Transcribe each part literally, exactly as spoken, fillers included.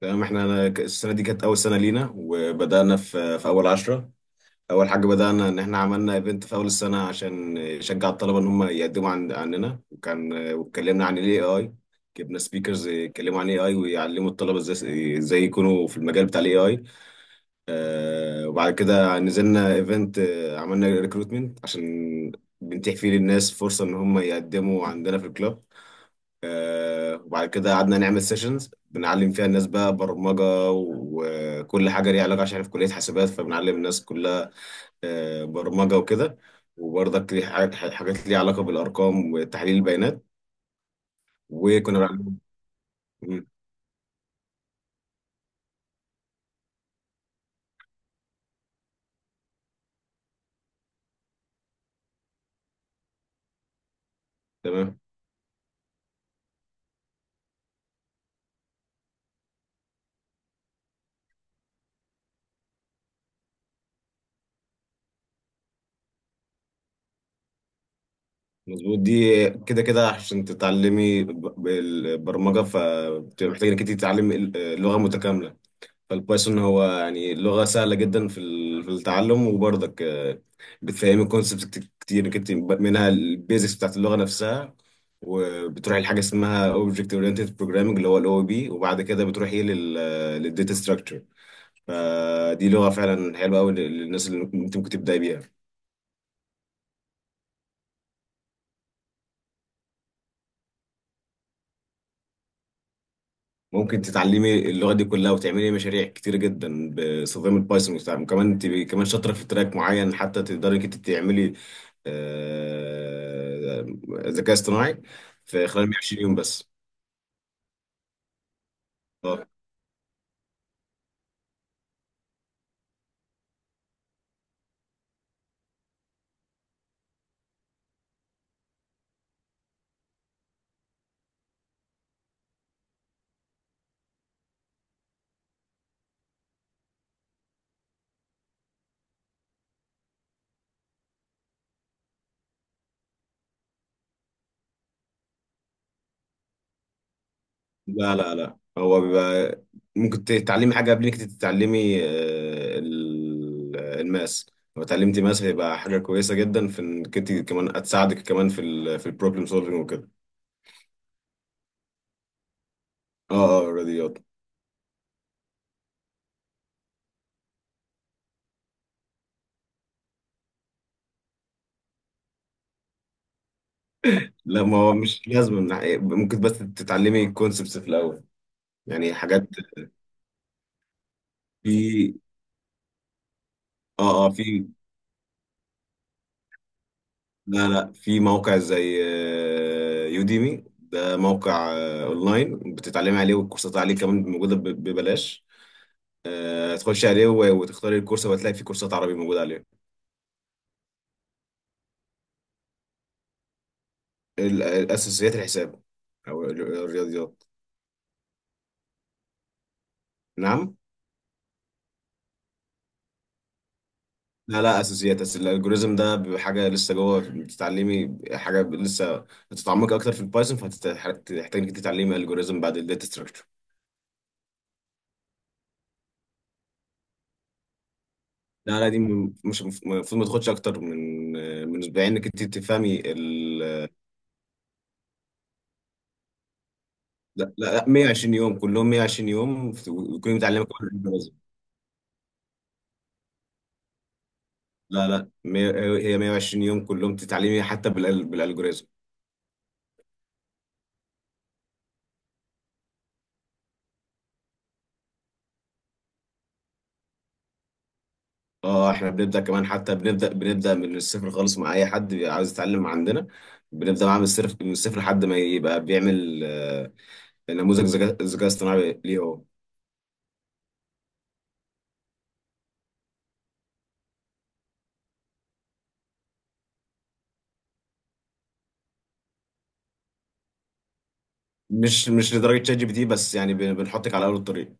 تمام احنا أنا ك- السنة دي كانت أول سنة لينا، وبدأنا في في أول عشرة. أول حاجة بدأنا إن احنا عملنا إيفنت في أول السنة عشان نشجع الطلبة إن هم يقدموا عن عننا، وكان واتكلمنا عن ال A I. جبنا سبيكرز يتكلموا عن A I ويعلموا الطلبة ازاي ازاي يكونوا في المجال بتاع ال ايه آي. آه وبعد كده نزلنا إيفنت. آه، عملنا ريكروتمنت عشان بنتيح فيه للناس فرصة إن هم يقدموا عندنا في الكلاب. آه، وبعد كده قعدنا نعمل سيشنز، بنعلم فيها الناس بقى برمجة وكل حاجة ليها علاقة، عشان أنا في كلية حاسبات، فبنعلم الناس كلها آه، برمجة وكده، وبرضك ليه حاجات حاجات ليها علاقة بالأرقام وتحليل البيانات، وكنا بنعلم. مم، تمام، مظبوط. دي كده كده عشان تتعلمي ب- بالبرمجة، فبتبقى محتاجة إنك أنت تتعلمي ال- آه، لغة متكاملة. فالبايثون هو يعني لغة سهلة جدا في ال- في التعلم، وبرضك آه، بتفهمي كونسبت كتير كتير منها، البيزكس بتاعت اللغة نفسها، وبتروحي لحاجة اسمها Object Oriented Programming اللي هو ال او او بي، وبعد كده بتروحي لل للداتا ستراكشر. فدي لغة فعلا حلوة أوي للناس اللي ممكن ممكن تبدأي بيها. ممكن تتعلمي اللغة دي كلها، وتعملي مشاريع كتير جدا باستخدام البايثون وبتاع. وكمان تبقي كمان شاطرة في تراك معين حتى تقدري انت تعملي آه، ذكاء اصطناعي في خلال مية وعشرين يوم بس. آه. لا لا لا، هو بيبقى ممكن تتعلمي حاجة قبل انك تتعلمي آه، ال- الماس. لو اتعلمتي ماس هيبقى حاجة كويسة جدا، في انك انت كمان هتساعدك كمان في ال في البروبلم سولفنج وكده. اه اه، الرياضيات. لا، ما هو مش لازم من- ناحية- ممكن بس تتعلمي الكونسبتس في الاول، يعني حاجات. في اه اه في. لا لا، في موقع زي يوديمي، ده موقع آه، اونلاين بتتعلمي عليه، والكورسات عليه كمان موجوده ب- ببلاش. آه، تخشي عليه و- وتختاري الكورس، وهتلاقي في كورسات عربي موجوده عليه. ال- الاساسيات، الحساب، او ال- الرياضيات. نعم. لا لا، اساسيات. أس... الالجوريزم ده بيبقى حاجه لسه جوه، بتتعلمي حاجه ب- لسه هتتعمقي اكتر في البايثون، فهتحتاج انك تتعلمي الجوريزم بعد الداتا ستراكشر. لا لا، دي م- مش المفروض ما تاخدش اكتر من من اسبوعين، انك انت تفهمي ال... لا لا لا، مائة وعشرين يوم كلهم. مائة وعشرين يوم وتكوني متعلمه كل الالجوريزم. لا لا مية- هي مية وعشرين يوم كلهم تتعلمي حتى بالال- بالالجوريزم. اه احنا بنبدا كمان، حتى بنبدا بنبدا من الصفر خالص مع اي حد بيبقى عاوز يتعلم عندنا. بنبدا معاه من الصفر من الصفر لحد ما يبقى بيعمل آه، نموذج ذكاء ذكاء اصطناعي ليه هو. مش مش لدرجه شات جي بي تي، بس يعني بن- بنحطك على اول الطريق.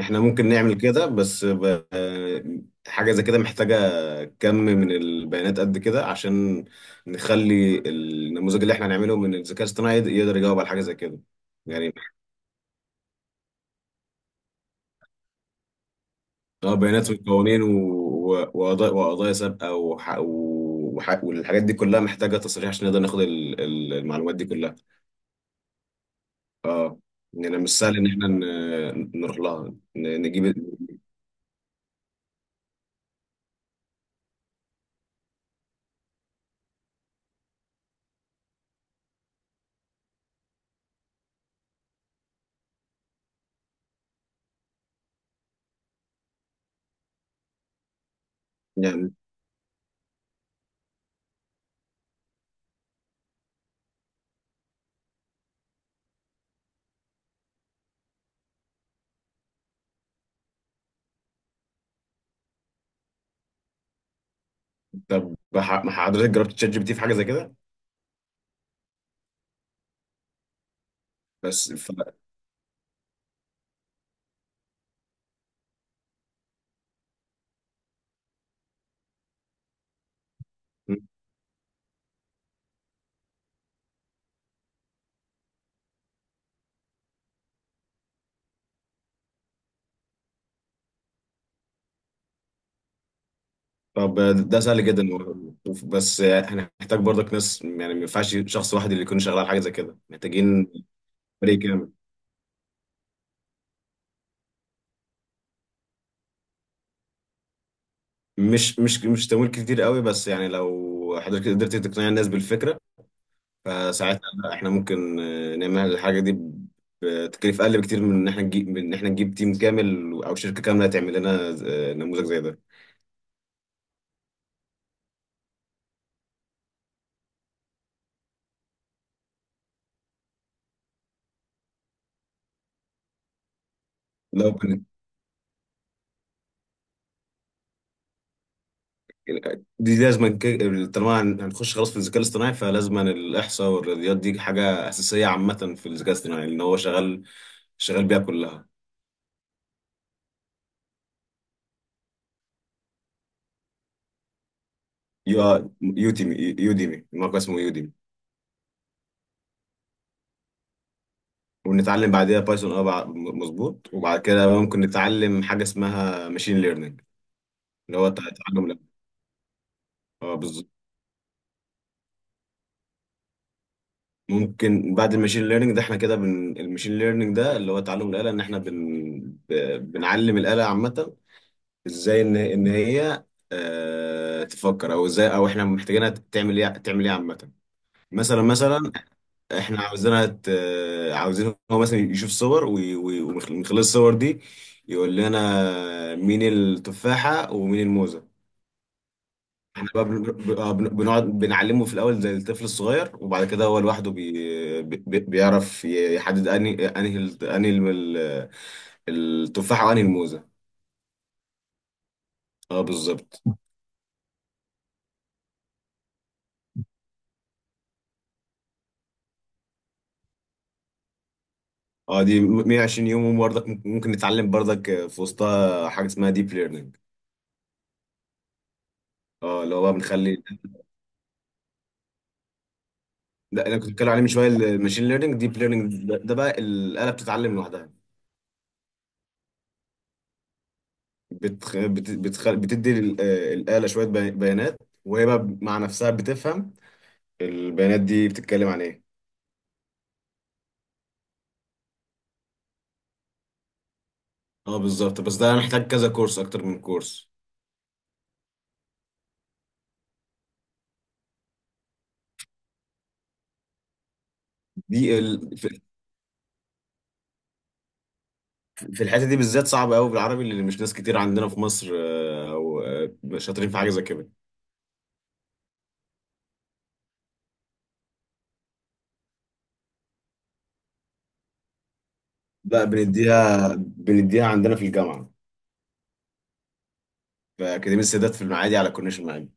احنا ممكن نعمل كده، بس ب- آه، حاجه زي كده محتاجه كم من البيانات قد كده، عشان نخلي النموذج اللي احنا هنعمله من الذكاء الاصطناعي يقدر يجاوب على حاجه زي كده. يعني اه، بيانات والقوانين و- و- وقضايا وقضايا سابقه وح... وح... والحاجات دي كلها محتاجه تصريح، عشان نقدر ناخد ال- ال- المعلومات دي كلها. اه، يعني مش سهل ان احنا ن- نروح لها ن- نجيب. يعني. طب ح- ما حضرتك جربت تشات جي بي تي في حاجه زي كده؟ بس ف... طب، ده سهل جدا و- وف- بس هنحتاج برضك ناس، يعني ما ينفعش شخص واحد اللي يكون شغال على حاجه زي كده، محتاجين فريق كامل. مش مش مش تمويل كتير قوي، بس يعني لو حضرتك قدرت تقنع الناس بالفكره، فساعتها لا، احنا ممكن آه، نعمل الحاجه دي بتكلفة اقل بكتير من ان احنا نجيب من ان احنا نجيب تيم كامل، او شركه كامله تعمل لنا آه، نموذج زي ده. لو بن- دي لازم ك- طالما هن- هنخش خلاص في الذكاء الاصطناعي، فلازم الاحصاء والرياضيات، دي حاجه اساسيه عامه في الذكاء الاصطناعي، لان هو شغال شغال بيها كلها. يو يوديمي، يوديمي الموقع اسمه يوديمي. ونتعلم بعدها بايثون. اه بع- مظبوط، وبعد كده ممكن نتعلم حاجه اسمها ماشين ليرنينج، اللي هو تع- تعلم ال- اه بالظبط. ممكن بعد الماشين ليرنينج ده احنا كده بن... الماشين ليرنينج ده اللي هو تعلم الآلة، ان احنا بن... ب... بنعلم الآلة عامة، ازاي ان ان هي اه... تفكر، او ازاي، او احنا محتاجينها تعمل ايه، تعمل ايه عامة. مثلا مثلا احنا عاوزينها ت... عاوزين هو مثلا يشوف صور، وي... وي... ومن خلال الصور دي يقول لنا مين التفاحة ومين الموزة. احنا بقى بن- ب- آه، بن- بنقعد بنعلمه في الاول زي الطفل الصغير، وبعد كده هو لوحده بي... بي... بيعرف ي- يحدد انهي انهي الت- انهي الم- ال- التفاحه وانهي الموزه. اه بالظبط. اه، دي مية وعشرين يوم، وبرضك ممكن ممكن نتعلم برضك في وسطها حاجه اسمها ديب ليرنينج. اه اللي هو بقى بنخلي. لا، انا كنت بتكلم عليه من شويه، الماشين ليرنينج. ديب ليرنينج ده، ده بقى الاله بتتعلم لوحدها. بتخ... بت... بتخ... بتدي لل- آه، الاله شويه بي- بيانات، وهي بقى مع نفسها بتفهم البيانات دي بتتكلم عن ايه. اه بالظبط، بس ده محتاج كذا كورس، اكتر من كورس. دي ال... في. في الحته دي بالذات صعبه قوي بالعربي، اللي مش ناس كتير عندنا في مصر آه، او آه، شاطرين في حاجه زي كده. لا بنديها، بنديها عندنا في الجامعه، في اكاديميه السادات في المعادي، على كورنيش المعادي.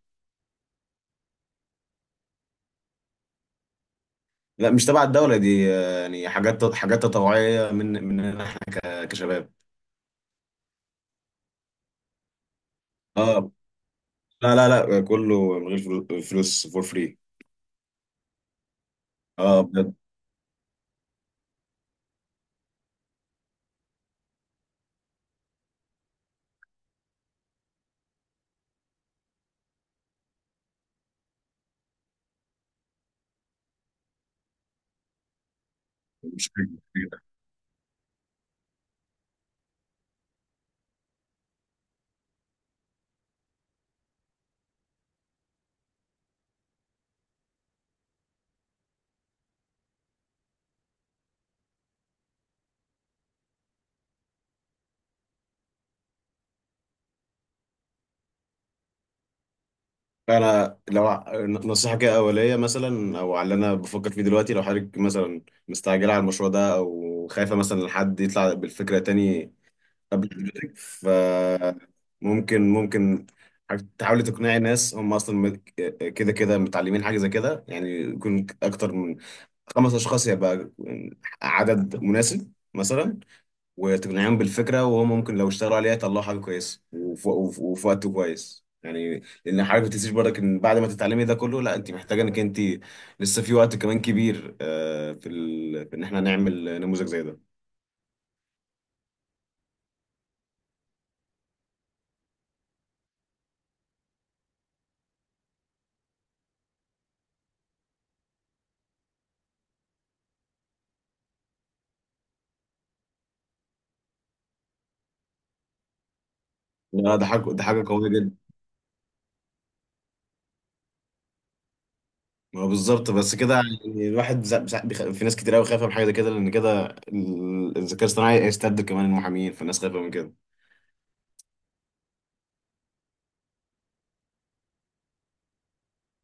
لا، مش تبع الدوله، دي آه، يعني حاجات حاجات تطوعيه من مننا احنا ك- كشباب. اه. لا لا لا، كله من غير فلو- فلوس، فور فري. اه بجد. مش حاجة. انا لو ع- نصيحه كده اوليه مثلا، او على اللي انا بفكر فيه دلوقتي، لو حضرتك مثلا مستعجله على المشروع ده، او خايفه مثلا إن حد يطلع بالفكره تاني قبل حضرتك، فممكن ممكن حضرتك تحاولي تقنعي ناس هم اصلا مت- كده كده متعلمين حاجه زي كده، يعني يكون اكتر من خمس اشخاص، يبقى عدد مناسب مثلا، وتقنعهم بالفكره. وهم ممكن لو اشتغلوا عليها يطلعوا حاجه كويسه وف- وف- وفي وقت كويس، يعني لان حضرتك ما تنسيش برضك ان بعد ما تتعلمي ده كله، لا انت محتاجه انك انت لسه في وقت كمان كبير آه، في ال... في ان احنا نعمل نموذج زي ده. لا، ده حاجه، ده حاجه قويه جدا. ما هو بالظبط بس كده، يعني الواحد سا- سا- بيخ- في ناس كتير قوي خايفه من حاجه زي كده، لان كده ال- الذكاء الاصطناعي هيستبدل كمان المحامين، فالناس خايفه من كده.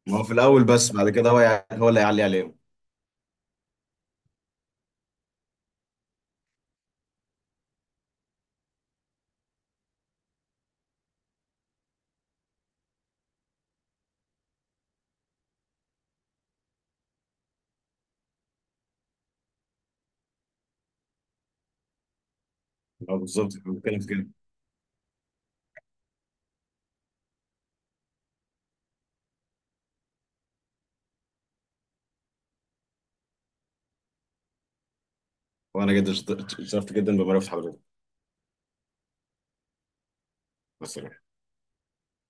ما هو في الاول، بس بعد كده هو يع- هو اللي هيعلي عليهم. اه بالظبط، انا بتكلم في كده. وانا جدا شط- اتشرفت جدا بمعرفة حضرتك. مثلا.